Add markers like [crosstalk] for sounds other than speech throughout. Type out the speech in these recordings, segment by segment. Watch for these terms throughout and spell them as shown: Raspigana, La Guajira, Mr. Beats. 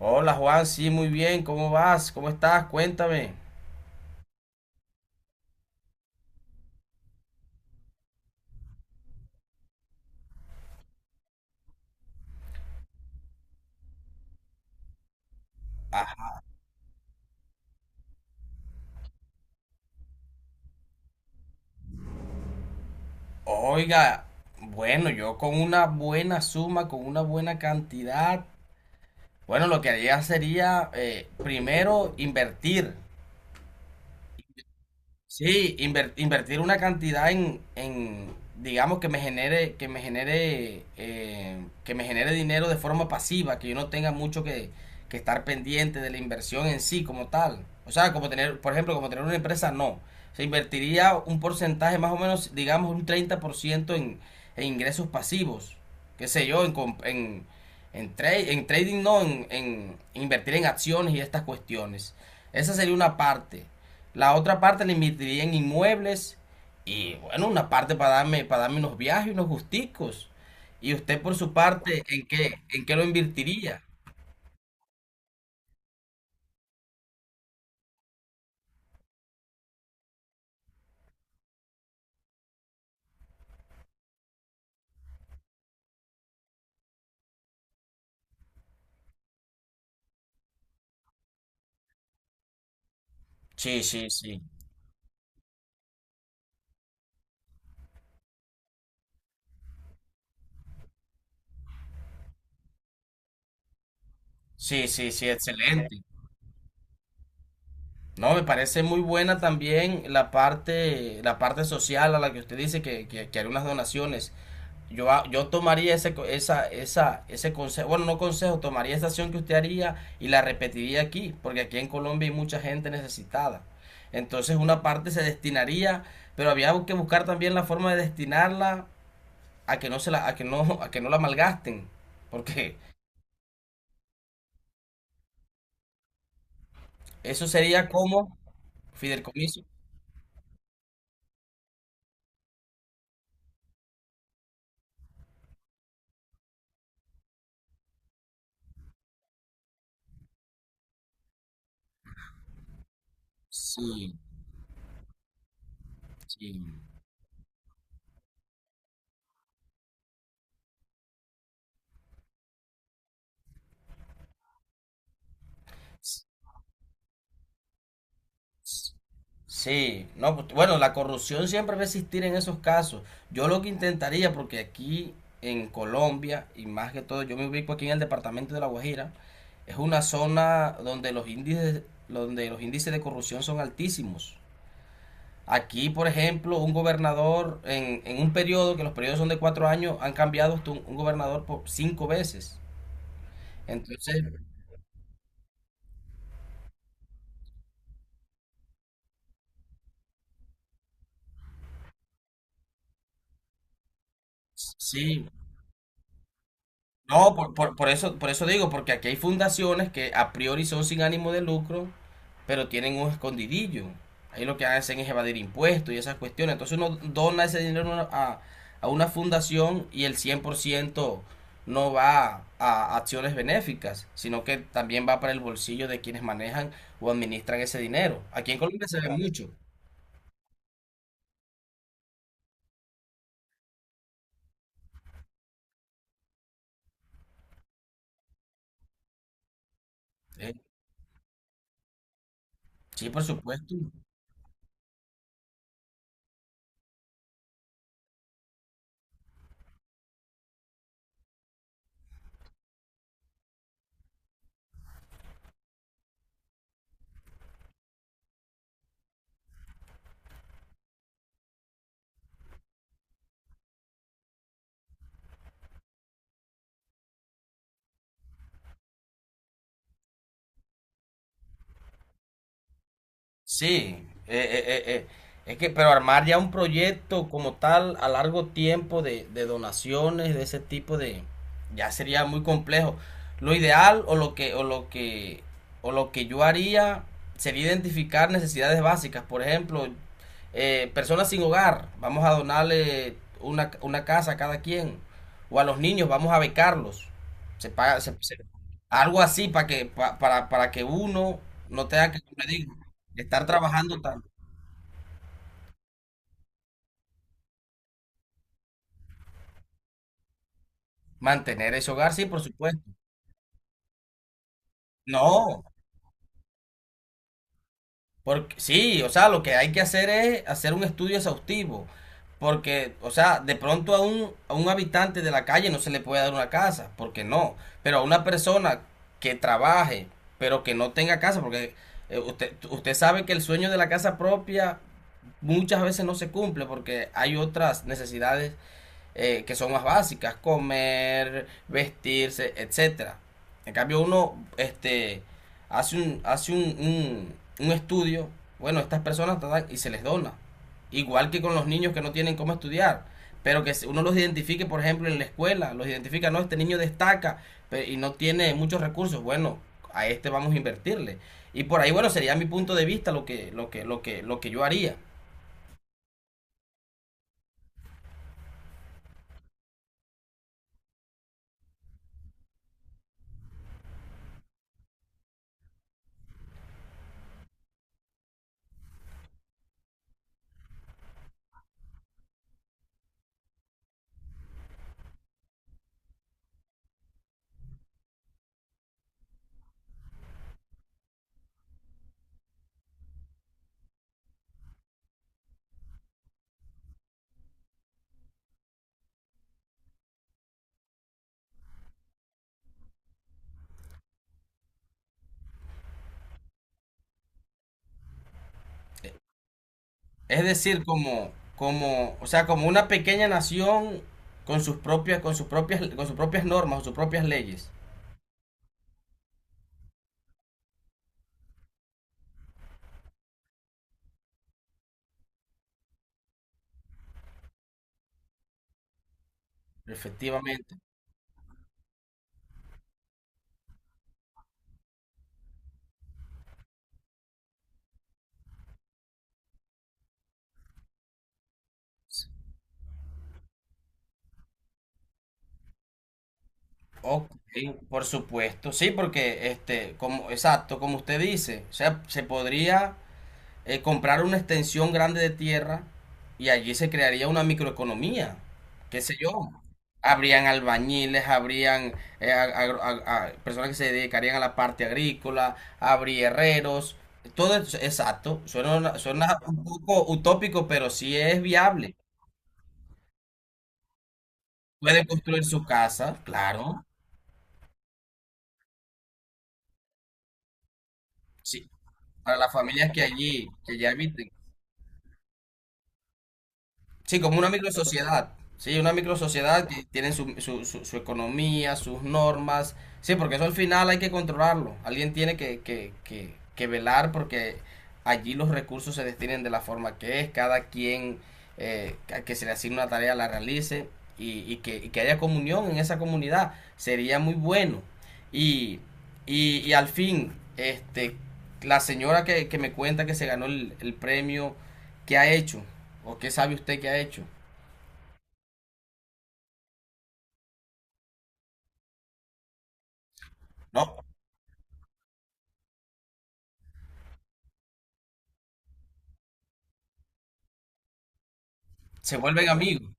Hola Juan, sí, muy bien, ¿cómo vas? ¿Cómo estás? Cuéntame. Oiga, bueno, yo con una buena suma, con una buena cantidad, bueno, lo que haría sería primero invertir. Sí, invertir una cantidad en, digamos, que me genere, que me genere, que me genere dinero de forma pasiva, que yo no tenga mucho que estar pendiente de la inversión en sí como tal. O sea, como tener, por ejemplo, como tener una empresa, no. Se invertiría un porcentaje más o menos, digamos, un 30% en ingresos pasivos. Qué sé yo, en trading, no, en invertir en acciones y estas cuestiones. Esa sería una parte. La otra parte la invertiría en inmuebles y bueno, una parte para darme unos viajes, unos gusticos. ¿Y usted por su parte, en qué lo invertiría? Sí, sí, sí. Sí, sí, sí, excelente. No, me parece muy buena también la parte social a la que usted dice que haré unas donaciones. Yo tomaría ese, co- esa, ese consejo, bueno, no consejo, tomaría esa acción que usted haría y la repetiría aquí, porque aquí en Colombia hay mucha gente necesitada. Entonces una parte se destinaría, pero había que buscar también la forma de destinarla a que no se la, a que no la malgasten, porque eso sería como fideicomiso. Sí, sí. Sí, no, pues, bueno, la corrupción siempre va a existir en esos casos. Yo lo que intentaría, porque aquí en Colombia, y más que todo, yo me ubico aquí en el departamento de La Guajira, es una zona donde los índices de corrupción son altísimos. Aquí, por ejemplo, un gobernador en un periodo, que los periodos son de 4 años, han cambiado hasta un gobernador por 5 veces. Entonces, sí. No, Por eso digo, porque aquí hay fundaciones que a priori son sin ánimo de lucro, pero tienen un escondidillo. Ahí lo que hacen es evadir impuestos y esas cuestiones. Entonces uno dona ese dinero a una fundación y el 100% no va a acciones benéficas, sino que también va para el bolsillo de quienes manejan o administran ese dinero. Aquí en Colombia se ve, claro, mucho. ¿Eh? Sí, por supuesto. Sí, es que, pero armar ya un proyecto como tal a largo tiempo de donaciones, de ese tipo de, ya sería muy complejo. Lo ideal o lo que, o lo que, o lo que yo haría sería identificar necesidades básicas. Por ejemplo, personas sin hogar, vamos a donarle una casa a cada quien. O a los niños, vamos a becarlos. Se paga, se- se- Algo así para que uno no tenga que, como le digo, estar trabajando tanto. Mantener ese hogar, sí, por supuesto. No, porque sí, o sea, lo que hay que hacer es hacer un estudio exhaustivo. Porque, o sea, de pronto a un habitante de la calle no se le puede dar una casa, porque no. Pero a una persona que trabaje, pero que no tenga casa, porque usted sabe que el sueño de la casa propia muchas veces no se cumple porque hay otras necesidades que son más básicas, comer, vestirse, etcétera. En cambio uno hace, un, hace un, un estudio, bueno, estas personas tratan y se les dona. Igual que con los niños que no tienen cómo estudiar, pero que uno los identifique, por ejemplo, en la escuela, los identifica, no, este niño destaca y no tiene muchos recursos, bueno, a este vamos a invertirle. Y por ahí, bueno, sería mi punto de vista lo que, lo que yo haría. Es decir, como, o sea, como una pequeña nación con sus propias, con sus propias normas, sus propias leyes. Efectivamente. Ok, por supuesto. Sí, porque como, exacto, como usted dice, o sea, se podría comprar una extensión grande de tierra y allí se crearía una microeconomía, qué sé yo. Habrían albañiles, habrían personas que se dedicarían a la parte agrícola, habría herreros, todo eso, exacto, suena, suena un poco utópico, pero sí es viable. Puede construir su casa, claro, sí, para las familias que allí habiten. Sí, como una microsociedad. Sí, una microsociedad que tienen su, su economía, sus normas. Sí, porque eso al final hay que controlarlo. Alguien tiene que velar porque allí los recursos se destinen de la forma que es, cada quien a que se le asigne una tarea la realice y, y que haya comunión en esa comunidad. Sería muy bueno. Y, y al fin, la señora que me cuenta que se ganó el premio. ¿Qué ha hecho? ¿O qué sabe usted que ha hecho? No, se vuelven amigos.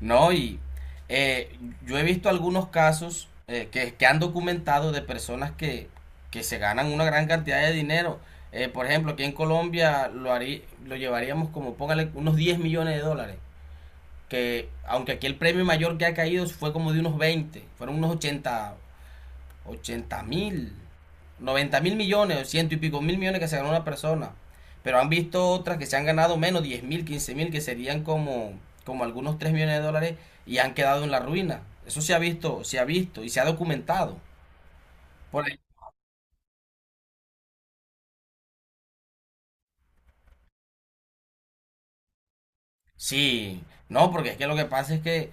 No, y eh, yo he visto algunos casos que han documentado de personas que se ganan una gran cantidad de dinero. Por ejemplo, aquí en Colombia lo llevaríamos como, póngale, unos 10 millones de dólares. Que aunque aquí el premio mayor que ha caído fue como de unos 20 fueron unos 80 80 mil, 90 mil millones, ciento y pico mil millones que se ganó una persona. Pero han visto otras que se han ganado menos, 10 mil, 15 mil, que serían como algunos 3 millones de dólares y han quedado en la ruina. Eso se ha visto y se ha documentado. Por ahí. Sí, no, porque es que lo que pasa es que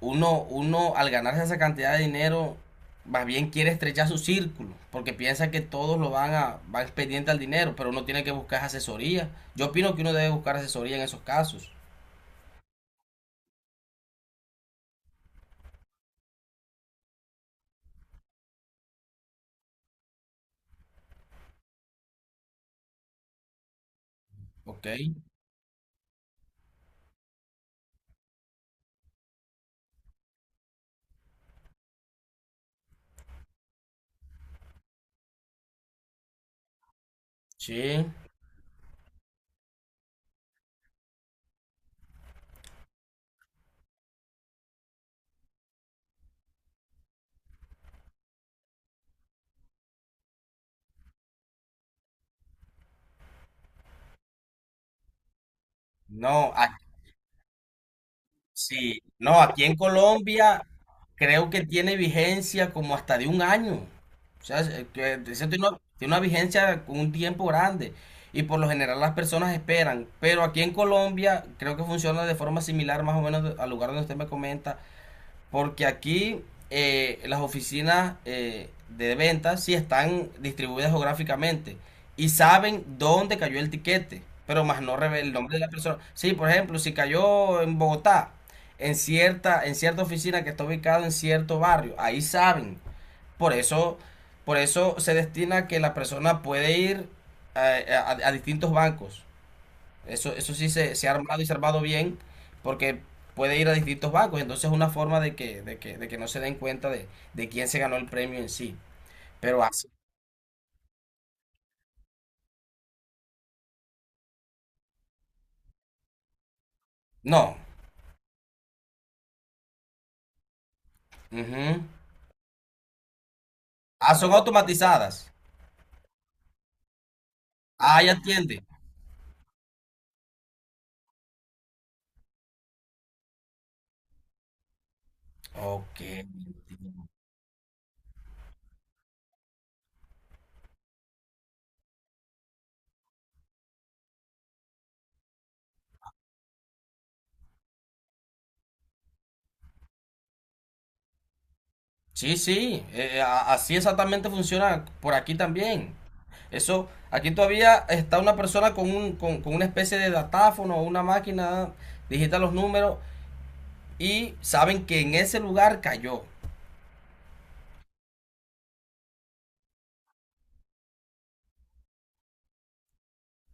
uno al ganarse esa cantidad de dinero, más bien quiere estrechar su círculo, porque piensa que todos lo van a, van pendiente al dinero, pero uno tiene que buscar asesoría. Yo opino que uno debe buscar asesoría en esos casos. Ok, sí. No, sí. No, aquí en Colombia creo que tiene vigencia como hasta de un año. O sea, que eso tiene una vigencia con un tiempo grande. Y por lo general las personas esperan. Pero aquí en Colombia creo que funciona de forma similar más o menos al lugar donde usted me comenta. Porque aquí las oficinas de ventas sí están distribuidas geográficamente y saben dónde cayó el tiquete, pero más no revela el nombre de la persona. Sí, por ejemplo, si cayó en Bogotá, en cierta oficina que está ubicada en cierto barrio, ahí saben. Por eso, por eso se destina que la persona puede ir a distintos bancos eso sí se ha armado y se bien porque puede ir a distintos bancos. Entonces es una forma de que no se den cuenta de quién se ganó el premio en sí. Pero así. No. Ujú. Ah, son automatizadas. Ah, ya entiende. Ok. Sí, sí. Así exactamente funciona por aquí también. Eso, aquí todavía está una persona con una especie de datáfono o una máquina, digita los números y saben que en ese lugar cayó.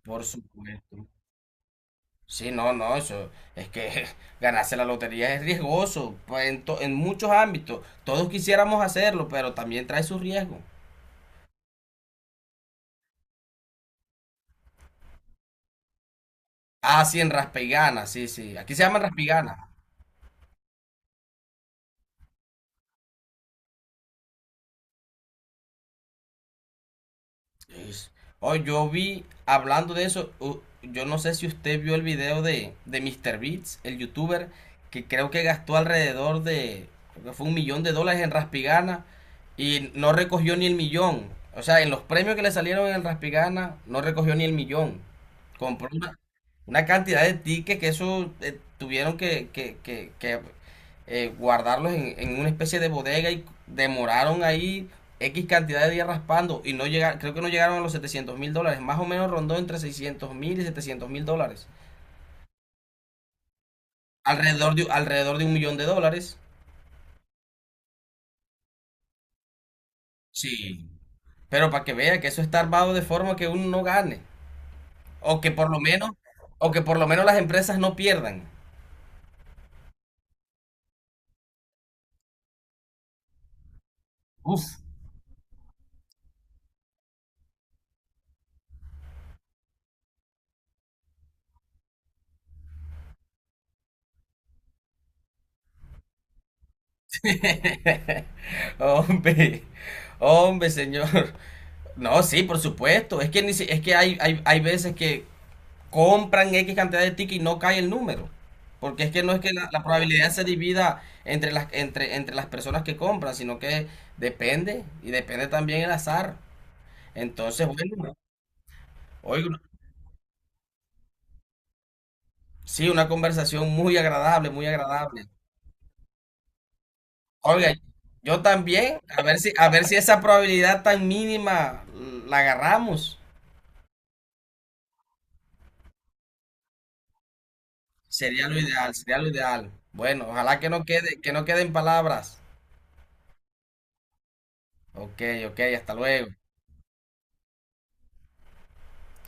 Por supuesto. Sí, no, no, eso es que [laughs] ganarse la lotería es riesgoso, pues, en muchos ámbitos. Todos quisiéramos hacerlo, pero también trae su riesgo. Ah, sí, en Raspigana, sí, sí. Aquí se llaman Raspigana. Es- Oh, yo vi, hablando de eso, yo no sé si usted vio el video de Mr. Beats, el youtuber, que creo que gastó creo que fue 1 millón de dólares en Raspigana y no recogió ni el millón. O sea, en los premios que le salieron en Raspigana no recogió ni el millón. Compró una cantidad de tickets que eso tuvieron que guardarlos en una especie de bodega y demoraron ahí X cantidad de días raspando y no llegaron, creo que no llegaron a los 700 mil dólares, más o menos rondó entre 600 mil y 700 mil dólares, alrededor de 1 millón de dólares. Sí. Pero para que vea que eso está armado de forma que uno no gane, o que por lo menos, o que por lo menos las empresas no pierdan. Uf. [laughs] Hombre, hombre, señor. No, sí, por supuesto. Es que, ni si- es que hay veces que compran X cantidad de tickets y no cae el número. Porque es que no es que la probabilidad se divida entre las, entre las personas que compran, sino que depende y depende también el azar. Entonces, bueno, hoy sí, una conversación muy agradable, muy agradable. Oiga, yo también, a ver si esa probabilidad tan mínima la agarramos. Sería lo ideal, sería lo ideal. Bueno, ojalá que no quede, que no queden palabras. Ok, ok, hasta luego.